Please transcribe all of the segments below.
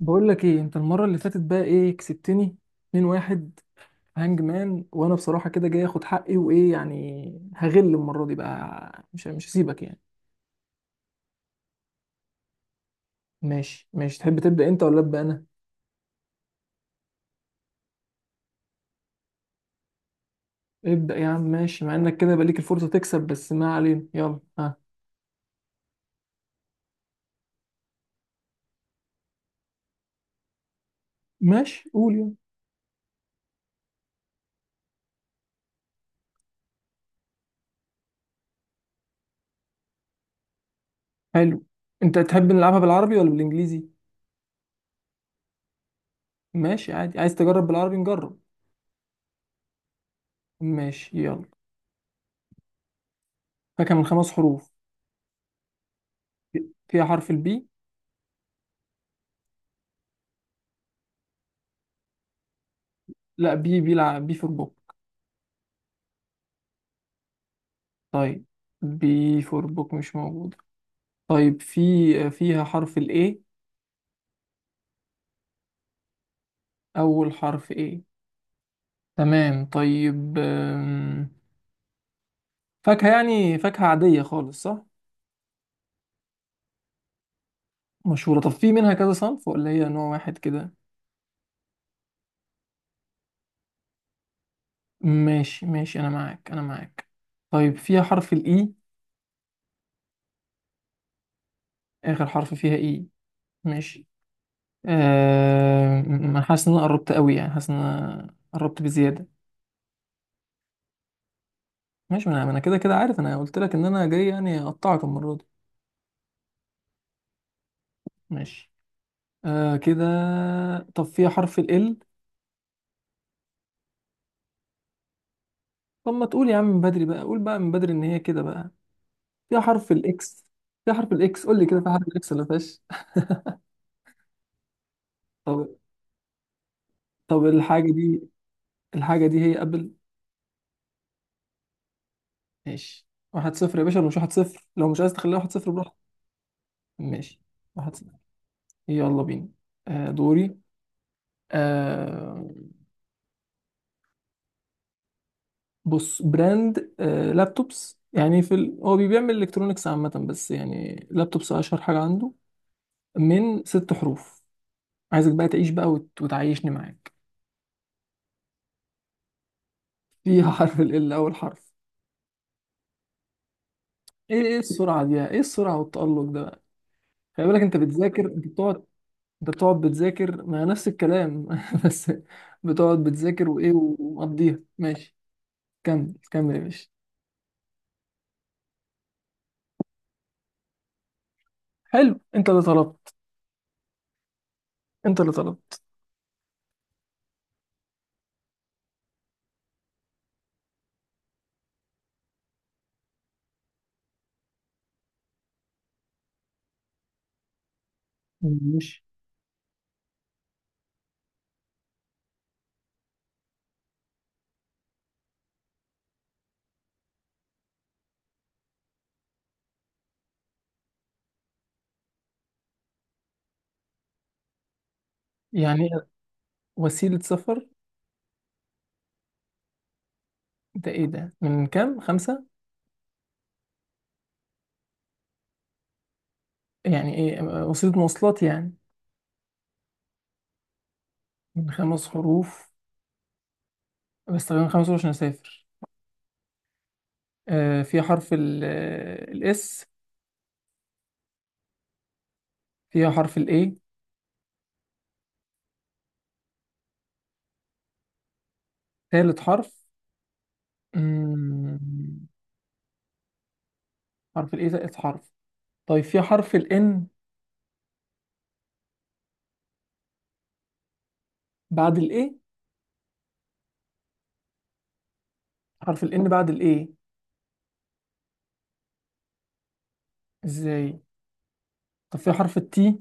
بقول لك ايه انت المره اللي فاتت بقى ايه كسبتني 2-1 هانج مان. وانا بصراحه كده جاي اخد حقي، وايه يعني هغل المره دي بقى، مش هسيبك يعني. ماشي ماشي، تحب تبدا انت ولا ابدا انا؟ ابدا يا عم، ماشي. مع انك كده بقى ليك الفرصه تكسب، بس ما علينا، يلا ها. ماشي قول يلا. حلو. انت تحب نلعبها بالعربي ولا بالانجليزي؟ ماشي عادي، عايز تجرب بالعربي نجرب. ماشي يلا. فاكهه من خمس حروف. فيها حرف البي؟ لا، بي بيلعب بي في البوك. طيب، بي فور بوك مش موجودة. طيب، في فيها حرف ال A؟ أول حرف A؟ تمام طيب. فاكهة يعني، فاكهة عادية خالص صح؟ مشهورة. طب في منها كذا صنف ولا هي نوع واحد كده؟ ماشي ماشي، أنا معاك أنا معاك. طيب فيها حرف ال E؟ آخر حرف فيها E؟ ماشي. أنا حاسس إن أنا قربت قوي، يعني حاسس إن أنا قربت بزيادة. ماشي. ما أنا كده كده عارف، أنا قلت لك إن أنا جاي يعني أقطعك المرة دي. ماشي. آه كده. طب فيها حرف ال L؟ طب ما تقول يا عم من بدري بقى، قول بقى من بدري ان هي كده بقى. فيها حرف الاكس؟ فيها حرف الاكس، قول لي كده، فيها حرف الاكس ولا فيهاش؟ طب. طب الحاجه دي، الحاجه دي هي ابل. ماشي. واحد صفر يا باشا، ولا مش واحد صفر؟ لو مش عايز تخليها واحد صفر براحتك. ماشي. واحد صفر. يلا بينا. آه دوري. آه، بص، براند، آه، لابتوبس يعني. في هو بيعمل الكترونكس عامه، بس يعني لابتوبس اشهر حاجه عنده. من ست حروف. عايزك بقى تعيش بقى، وتعيشني معاك. فيها حرف ال أول حرف؟ إيه إيه السرعة دي، إيه السرعة والتألق ده بقى؟ خلي بالك، أنت بتذاكر، أنت بتقعد. أنت بتقعد بتذاكر ما نفس الكلام بس. بتقعد بتذاكر وإيه ومقضيها، ماشي. كمل كمل يا باشا. حلو، أنت اللي طلبت، أنت اللي طلبت. ماشي. يعني وسيلة سفر. ده إيه ده، من كام؟ خمسة؟ يعني إيه، وسيلة مواصلات يعني؟ من خمس حروف. بستخدم خمس حروف عشان أسافر. آه، فيها حرف الاس؟ فيها حرف الاي، ثالث حرف؟ مم، حرف الاي ثالث حرف. طيب فيها حرف الان بعد الاي؟ حرف الان بعد الاي، ازاي؟ طب فيها حرف التي؟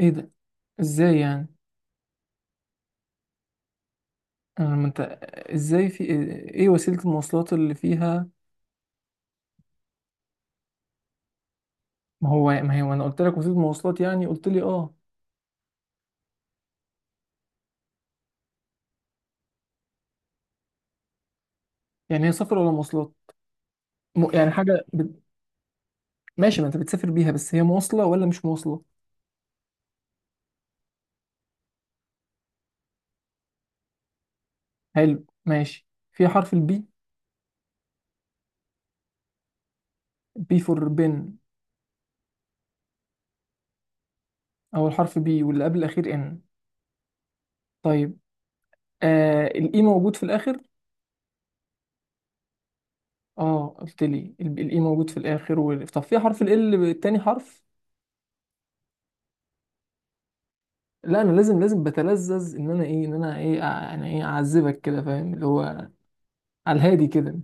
ايه ده، ازاي يعني؟ انا، ما انت، ازاي؟ في ايه وسيلة المواصلات اللي فيها؟ ما هو ما هي، وانا قلت لك وسيلة مواصلات يعني، قلت لي اه. يعني هي سفر ولا مواصلات؟ يعني حاجة ب... ماشي، ما انت بتسافر بيها، بس هي مواصلة ولا مش مواصلة؟ حلو ماشي. فيها حرف البي؟ بي فور بن. أول حرف بي، واللي قبل الأخير إن. طيب. آه، الإي موجود في الآخر. آه، قلت لي الإي موجود في الآخر، وال... طب في حرف ال التاني حرف؟ لا، أنا لازم لازم بتلذذ إن أنا إيه، إن أنا إيه، أنا إيه، أعذبك كده، فاهم اللي هو، على الهادي كده.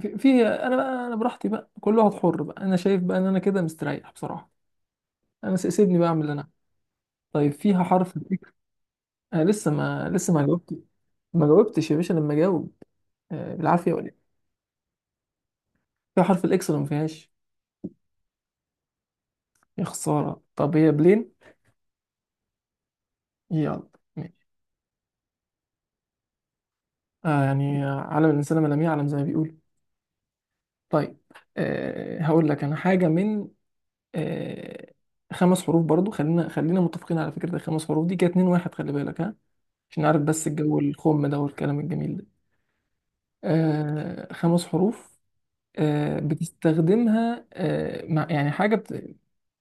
في أنا بقى، أنا براحتي بقى، كل واحد حر بقى، أنا شايف بقى إن أنا كده مستريح بصراحة. أنا سيبني بقى أعمل اللي أنا. طيب فيها حرف ال؟ آه لسه ما جاوبت. ما جاوبتش يا باشا لما جاوب. آه بالعافية ولا إيه؟ فيها حرف الإكس ولا ما فيهاش؟ يا خسارة. طب هي بلين. يلا. ماشي. آه يعني، عالم الإنسان ما لم يعلم، زي ما بيقولوا. طيب. آه هقول لك أنا حاجة من، آه، خمس حروف برضو. خلينا خلينا متفقين على فكرة، الخمس حروف دي كانت اتنين واحد، خلي بالك ها، عشان عارف بس الجو الخم ده والكلام الجميل ده. آه، خمس حروف. آه بتستخدمها، آه، مع يعني حاجة بت...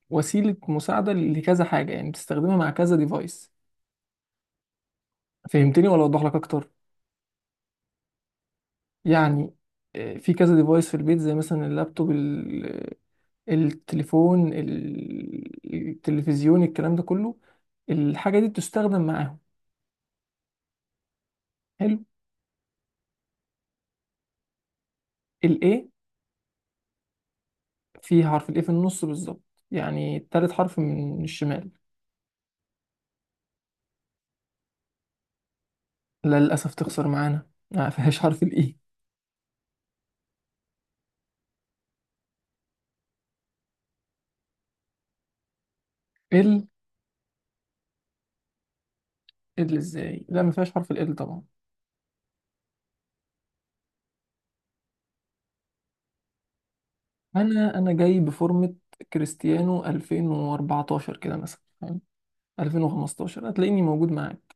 وسيلة مساعدة لكذا حاجة يعني، بتستخدمها مع كذا ديفايس. فهمتني ولا أوضح لك أكتر؟ يعني، آه، في كذا ديفايس في البيت، زي مثلا اللابتوب، التليفون، التلفزيون، الكلام ده كله. الحاجة دي بتستخدم معاهم. حلو. الاي؟ في حرف الاي في النص بالظبط، يعني تالت حرف من الشمال؟ لا، للأسف تخسر معانا، ما فيهاش حرف الاي. ال ال ازاي، لا ما فيهاش حرف ال طبعا. انا جاي بفورمة كريستيانو 2014 كده مثلا فاهم؟ 2015 هتلاقيني موجود معاك.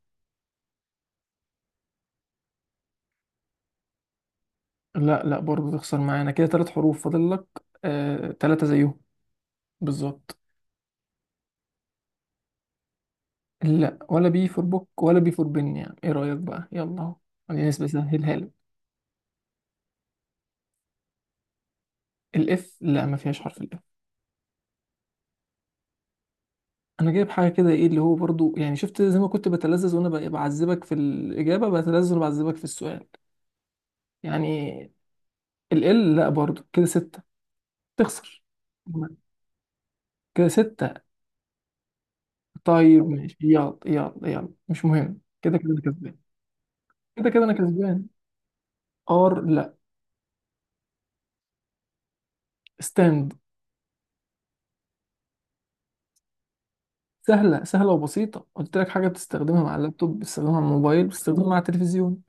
لا لا، برضه تخسر معانا كده. ثلاث حروف فاضل لك. آه ثلاثة زيهم بالظبط. لا، ولا بي فور بوك ولا بي فور بن، يعني ايه رأيك بقى، يلا اهو خلينا نسبة سهلها لك. الاف؟ لا، ما فيهاش حرف الاف. انا جايب حاجة كده ايه اللي هو برضه، يعني شفت؟ زي ما كنت بتلذذ وانا بعذبك في الإجابة، بتلذذ وانا بعذبك في السؤال، يعني. ال؟ لا برضه، كده ستة، تخسر. كده ستة. طيب ماشي، يلا يلا يلا، مش مهم كده كده انا كسبان. كده كده انا كسبان. ار؟ لا. ستاند. سهلة سهلة وبسيطة، قلت لك حاجة بتستخدمها مع اللابتوب، بتستخدمها مع الموبايل، بتستخدمها مع التلفزيون.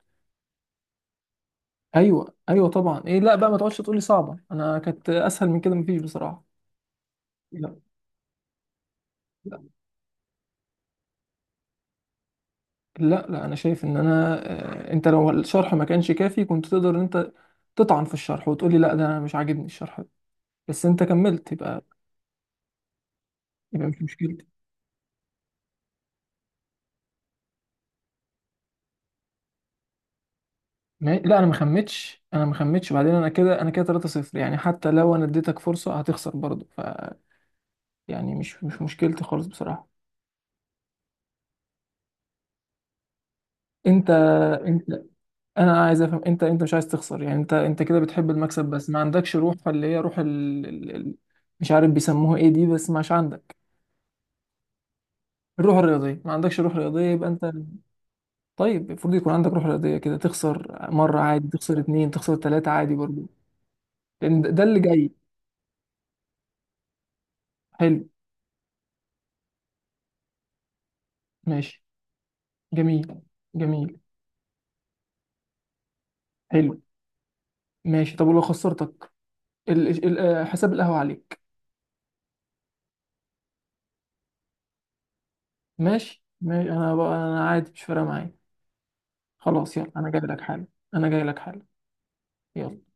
أيوة أيوة طبعا إيه، لا بقى ما تقعدش تقولي صعبة، أنا كانت أسهل من كده مفيش بصراحة. لا لا لا لا، أنا شايف إن أنا، آه، أنت لو الشرح ما كانش كافي كنت تقدر إن أنت تطعن في الشرح وتقولي لا ده أنا مش عاجبني الشرح ده، بس أنت كملت يبقى، يبقى مش مشكلتي. لا، أنا ما خمتش، أنا ما خمتش. بعدين أنا كده، أنا كده 3-0 يعني، حتى لو أنا اديتك فرصة هتخسر برضه، ف يعني مش مش مشكلتي خالص بصراحة. انت، انت، انا عايز افهم، انت انت مش عايز تخسر يعني، انت انت كده بتحب المكسب بس ما عندكش روح، اللي هي روح ال... ال... ال... مش عارف بيسموها ايه دي، بس مش عندك. الروح الرياضيه، ما عندكش روح رياضيه يبقى انت. طيب المفروض يكون عندك روح رياضيه كده، تخسر مره عادي، تخسر اتنين، تخسر تلاته عادي برضو، لان ده ده اللي جاي. حلو. ماشي. جميل. جميل. حلو. ماشي طب ولو خسرتك. ال... ال... آه، حساب القهوه عليك. ماشي ماشي، انا بقى انا عادي مش فارقه معايا. خلاص يلا انا جاي لك حالا. انا جاي لك حالا. يلا.